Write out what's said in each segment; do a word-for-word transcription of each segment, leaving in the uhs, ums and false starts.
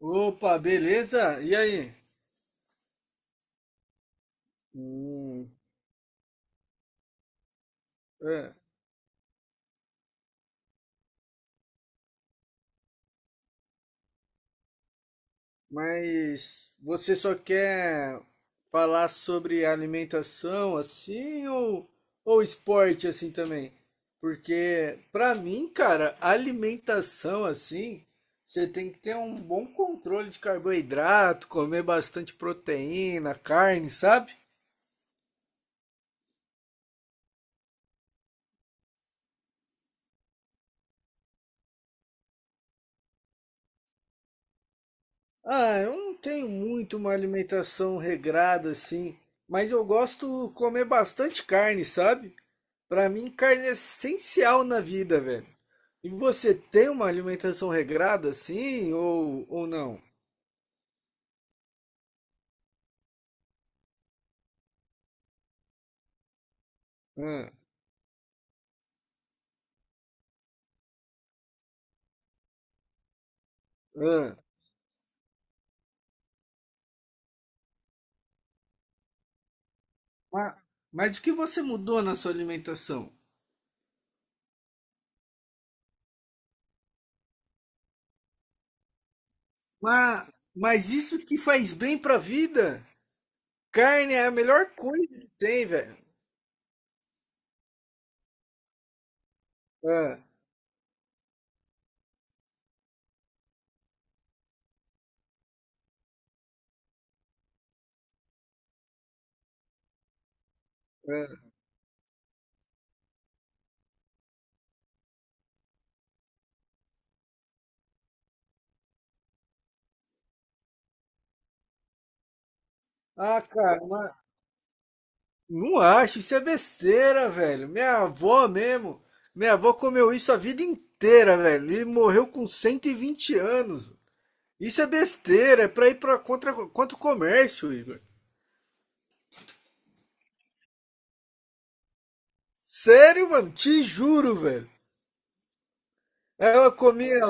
Opa, beleza? E aí? Hum, é, mas você só quer falar sobre alimentação assim ou, ou esporte assim também? Porque pra mim, cara, alimentação assim, você tem que ter um bom controle de carboidrato, comer bastante proteína, carne, sabe? Ah, eu não tenho muito uma alimentação regrada assim, mas eu gosto de comer bastante carne, sabe? Pra mim, carne é essencial na vida, velho. E você tem uma alimentação regrada assim ou, ou não? Ah, ah. Ma- Mas, o que você mudou na sua alimentação? Mas, mas isso que faz bem pra vida? Carne é a melhor coisa que tem, velho. Ah, ah. Ah, cara, não acho, isso é besteira, velho. Minha avó mesmo. Minha avó comeu isso a vida inteira, velho. E morreu com cento e vinte anos. Isso é besteira, é pra ir pra contra, contra o comércio, Igor. Sério, mano, te juro, velho. Ela comia,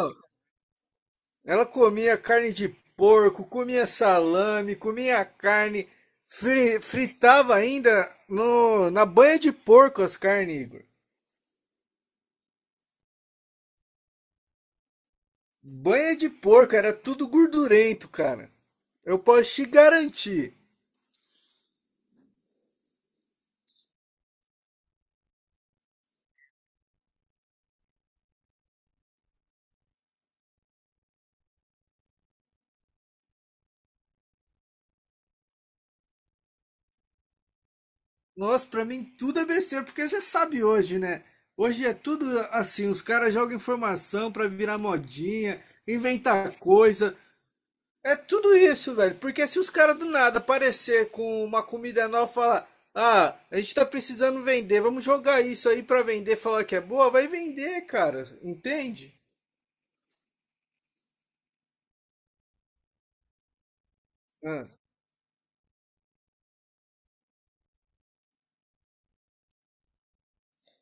ela comia carne de porco, comia salame, comia carne, fri- fritava ainda no, na banha de porco as carnes, Igor. Banha de porco era tudo gordurento, cara. Eu posso te garantir. Nossa, pra mim tudo é besteira, porque você sabe hoje, né? Hoje é tudo assim, os caras jogam informação pra virar modinha, inventar coisa. É tudo isso, velho. Porque se os caras do nada aparecer com uma comida nova e falar, ah, a gente tá precisando vender, vamos jogar isso aí pra vender, falar que é boa, vai vender, cara. Entende? Ah.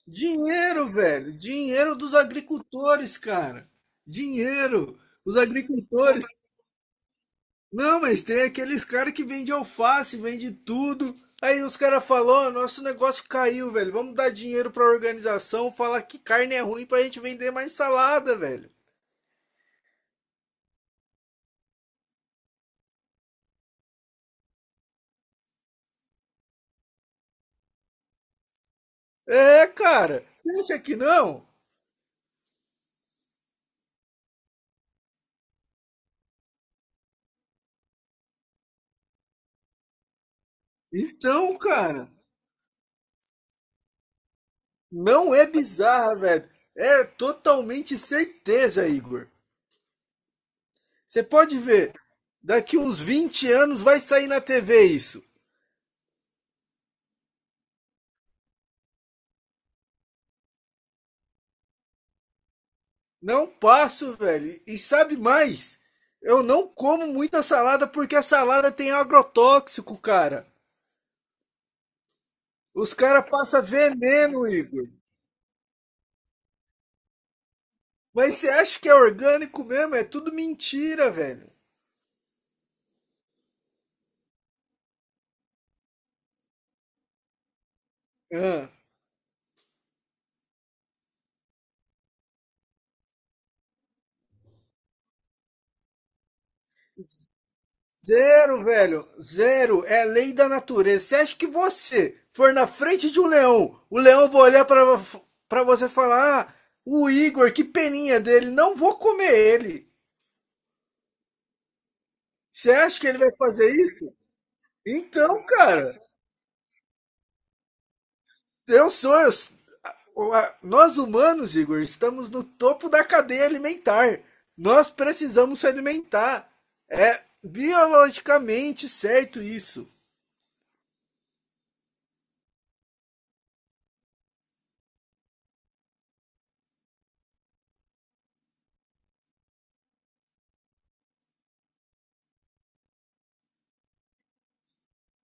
Dinheiro, velho. Dinheiro dos agricultores, cara. Dinheiro. Os agricultores. Não, mas tem aqueles caras que vendem alface, vende tudo. Aí os caras falaram, nosso negócio caiu, velho. Vamos dar dinheiro pra organização, falar que carne é ruim pra gente vender mais salada, velho. É, cara. Você acha que não? Então, cara, não é bizarra, velho. É totalmente certeza, Igor. Você pode ver, daqui uns vinte anos vai sair na T V isso. Não passo, velho. E sabe mais? Eu não como muita salada porque a salada tem agrotóxico, cara. Os caras passam veneno, Igor. Mas você acha que é orgânico mesmo? É tudo mentira, velho. Ah. Zero, velho. Zero. É lei da natureza. Você acha que você for na frente de um leão, o leão vai olhar pra, pra você e falar: ah, o Igor, que peninha dele, não vou comer ele. Você acha que ele vai fazer isso? Então, cara, eu sou. Eu sou- a- o- a- nós humanos, Igor, estamos no topo da cadeia alimentar. Nós precisamos se alimentar. É biologicamente certo isso.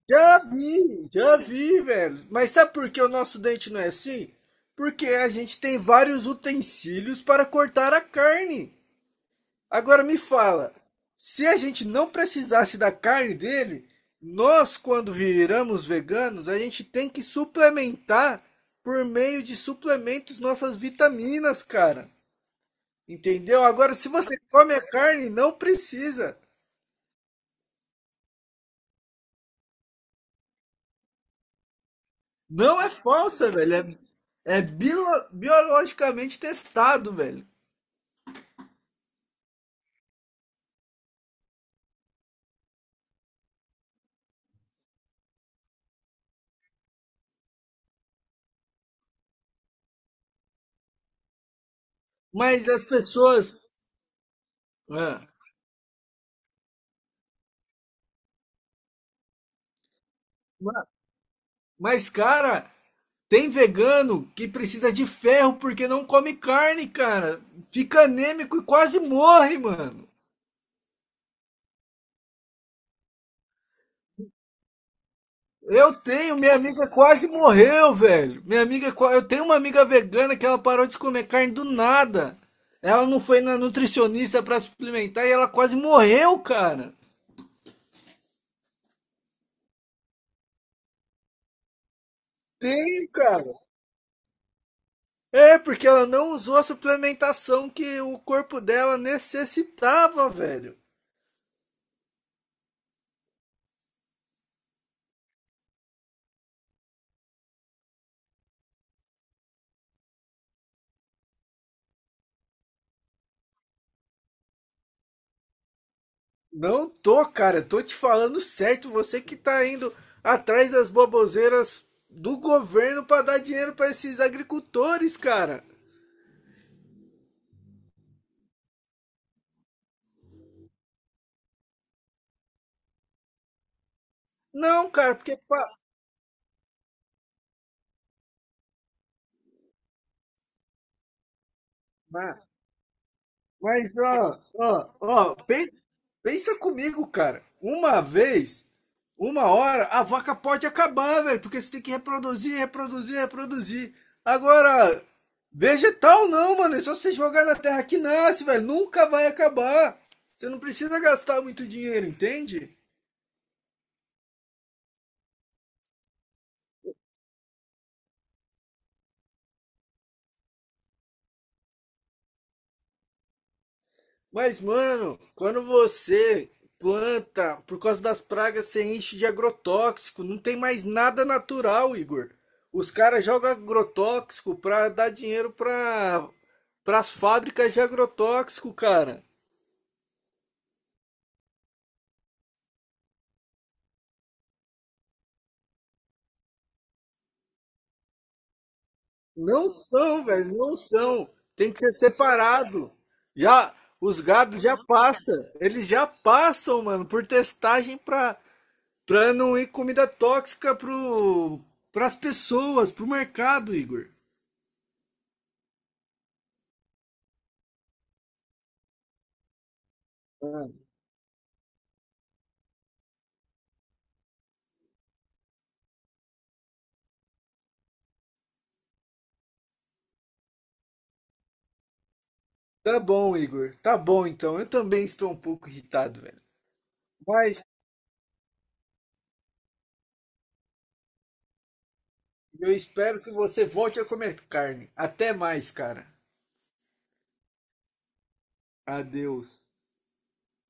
Já vi, já vi, velho. Mas sabe por que o nosso dente não é assim? Porque a gente tem vários utensílios para cortar a carne. Agora me fala, se a gente não precisasse da carne dele, nós, quando viramos veganos, a gente tem que suplementar por meio de suplementos nossas vitaminas, cara. Entendeu? Agora, se você come a carne, não precisa. Não é falsa, velho. É, é bilo- biologicamente testado, velho. Mas as pessoas. Ah, ma- mas, cara, tem vegano que precisa de ferro porque não come carne, cara. Fica anêmico e quase morre, mano. Eu tenho, minha amiga quase morreu, velho. Minha amiga, qua- eu tenho uma amiga vegana que ela parou de comer carne do nada. Ela não foi na nutricionista pra suplementar e ela quase morreu, cara. Tem, cara. É, porque ela não usou a suplementação que o corpo dela necessitava, velho. Não tô, cara. Tô te falando certo. Você que tá indo atrás das baboseiras do governo pra dar dinheiro pra esses agricultores, cara. Não, cara, porque. Pa... Ah, mas, ó, ó, ó, pen- pensa comigo, cara. Uma vez, uma hora, a vaca pode acabar, velho, porque você tem que reproduzir, reproduzir, reproduzir. Agora, vegetal não, mano, é só você jogar na terra que nasce, velho, nunca vai acabar. Você não precisa gastar muito dinheiro, entende? Mas, mano, quando você planta, por causa das pragas, você enche de agrotóxico, não tem mais nada natural, Igor. Os caras jogam agrotóxico pra dar dinheiro pra, pras fábricas de agrotóxico, cara. Não são, velho, não são. Tem que ser separado. Já os gados já passa, eles já passam, mano, por testagem pra para não ir comida tóxica pro pras pessoas, pro mercado, Igor. Ah, tá bom, Igor. Tá bom, então. Eu também estou um pouco irritado, velho. Mas eu espero que você volte a comer carne. Até mais, cara. Adeus.